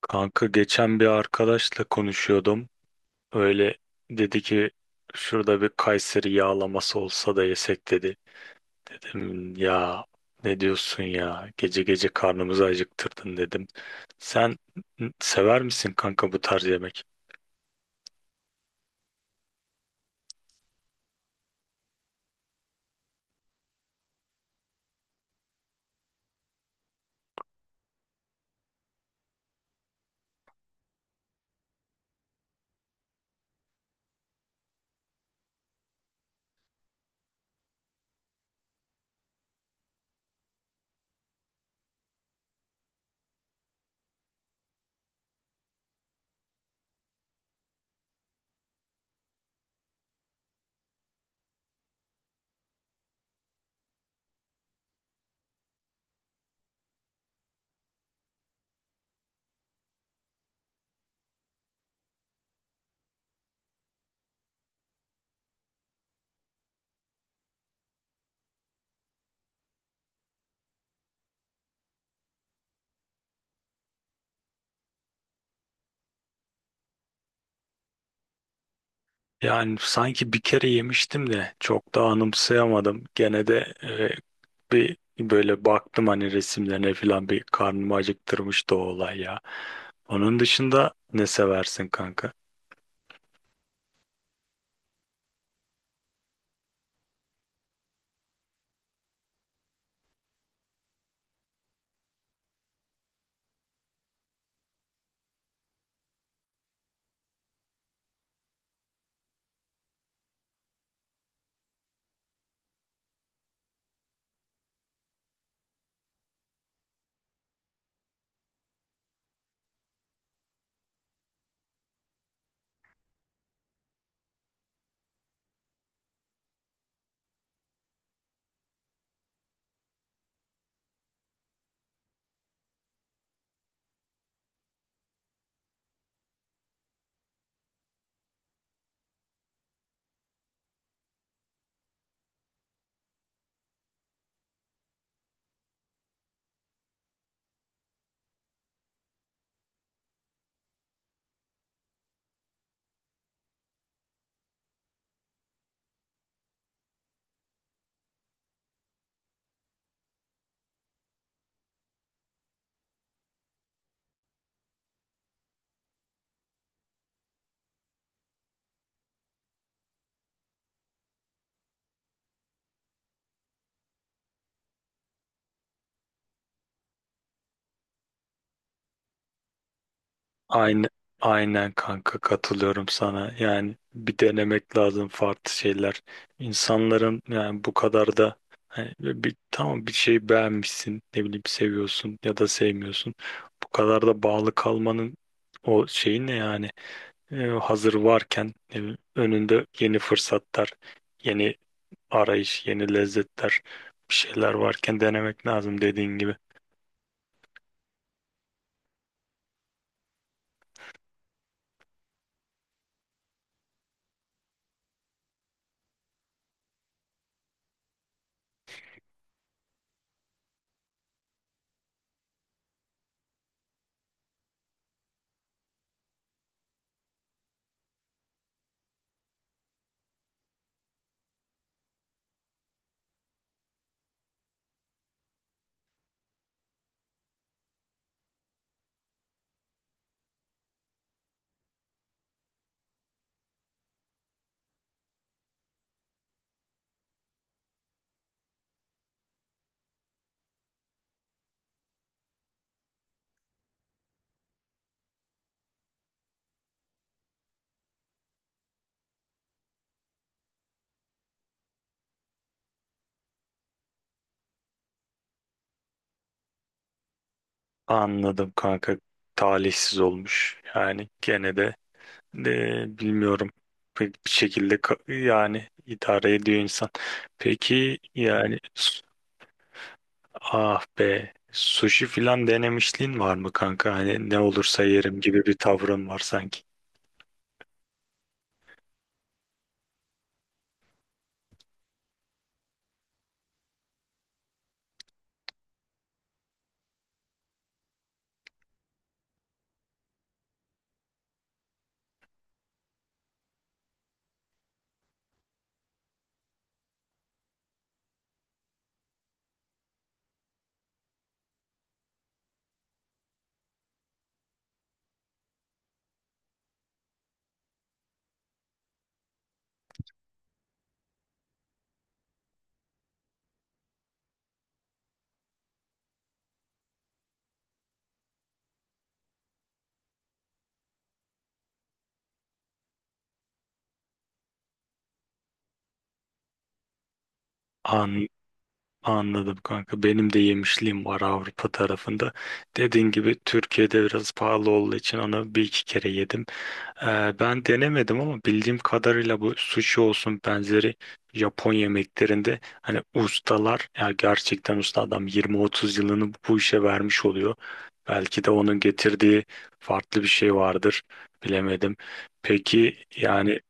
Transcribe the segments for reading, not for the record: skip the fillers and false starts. Kanka geçen bir arkadaşla konuşuyordum. Öyle dedi ki şurada bir Kayseri yağlaması olsa da yesek dedi. Dedim ya ne diyorsun ya gece gece karnımızı acıktırdın dedim. Sen sever misin kanka bu tarz yemek? Yani sanki bir kere yemiştim de çok da anımsayamadım. Gene de bir böyle baktım hani resimlerine falan bir karnımı acıktırmıştı o olay ya. Onun dışında ne seversin kanka? Aynı, aynen kanka katılıyorum sana. Yani bir denemek lazım farklı şeyler. İnsanların yani bu kadar da hani bir tamam bir şey beğenmişsin, ne bileyim seviyorsun ya da sevmiyorsun. Bu kadar da bağlı kalmanın o şeyi ne yani? Hazır varken ne bileyim, önünde yeni fırsatlar, yeni arayış, yeni lezzetler, bir şeyler varken denemek lazım dediğin gibi. Anladım kanka. Talihsiz olmuş. Yani gene de. Bilmiyorum. Pek bir şekilde yani idare ediyor insan. Peki yani ah be sushi filan denemişliğin var mı kanka? Hani ne olursa yerim gibi bir tavrın var sanki. Anladım kanka. Benim de yemişliğim var Avrupa tarafında. Dediğin gibi Türkiye'de biraz pahalı olduğu için onu bir iki kere yedim. Ben denemedim ama bildiğim kadarıyla bu sushi olsun benzeri Japon yemeklerinde hani ustalar ya gerçekten usta adam 20-30 yılını bu işe vermiş oluyor. Belki de onun getirdiği farklı bir şey vardır. Bilemedim. Peki yani.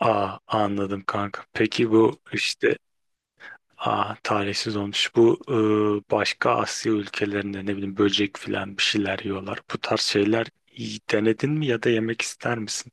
Aa, anladım kanka. Peki bu işte. Aa, talihsiz olmuş. Bu başka Asya ülkelerinde ne bileyim böcek filan bir şeyler yiyorlar. Bu tarz şeyler iyi denedin mi ya da yemek ister misin?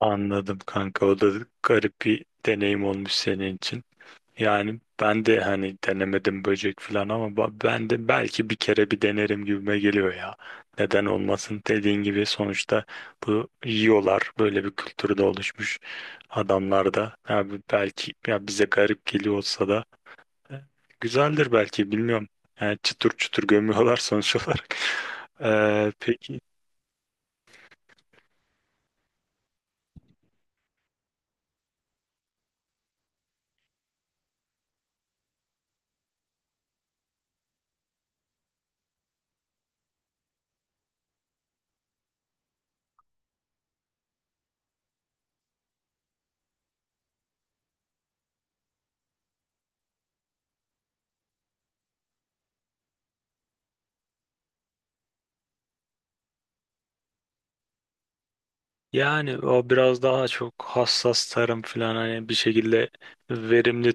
Anladım kanka. O da garip bir deneyim olmuş senin için. Yani ben de hani denemedim böcek filan ama ben de belki bir kere bir denerim gibime geliyor ya. Neden olmasın? Dediğin gibi sonuçta bu yiyorlar. Böyle bir kültürde oluşmuş adamlar da. Abi belki ya bize garip geliyor olsa da. E, Güzeldir belki bilmiyorum. Yani çıtır çıtır gömüyorlar sonuç olarak. Peki yani o biraz daha çok hassas tarım falan hani bir şekilde verimli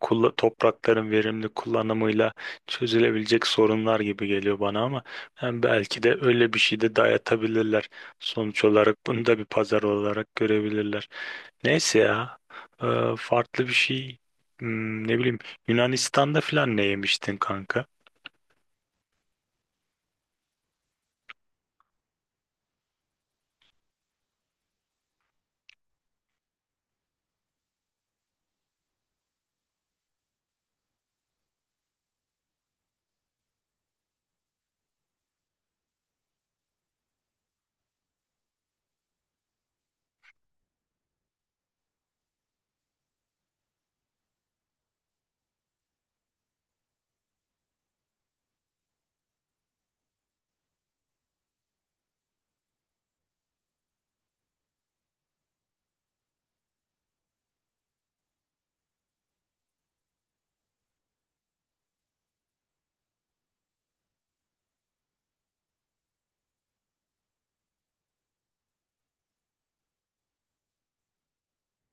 toprakların verimli kullanımıyla çözülebilecek sorunlar gibi geliyor bana ama yani belki de öyle bir şey de dayatabilirler. Sonuç olarak bunu da bir pazar olarak görebilirler. Neyse ya. Farklı bir şey. Ne bileyim, Yunanistan'da falan ne yemiştin kanka?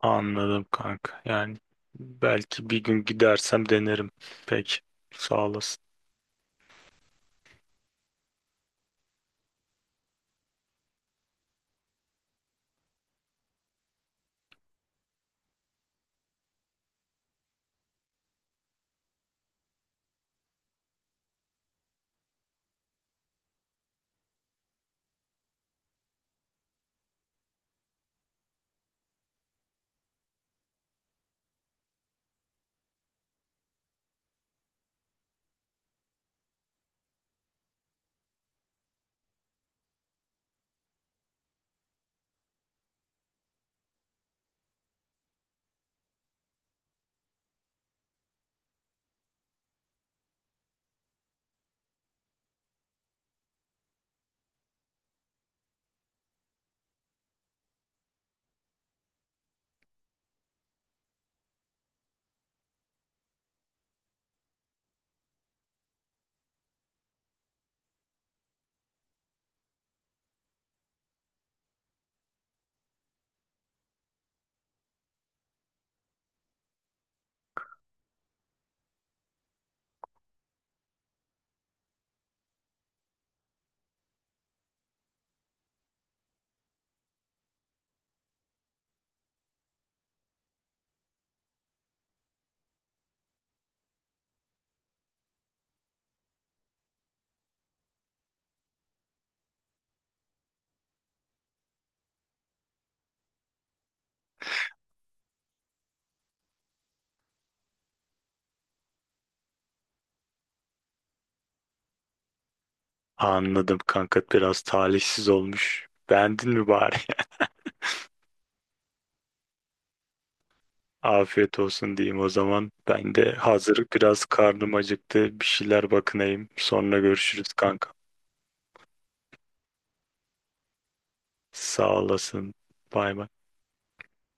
Anladım kanka. Yani belki bir gün gidersem denerim. Peki. Sağ olasın. Anladım kanka. Biraz talihsiz olmuş. Beğendin mi bari? Afiyet olsun diyeyim o zaman. Ben de hazır biraz karnım acıktı. Bir şeyler bakınayım. Sonra görüşürüz kanka. Sağ olasın. Bay bay.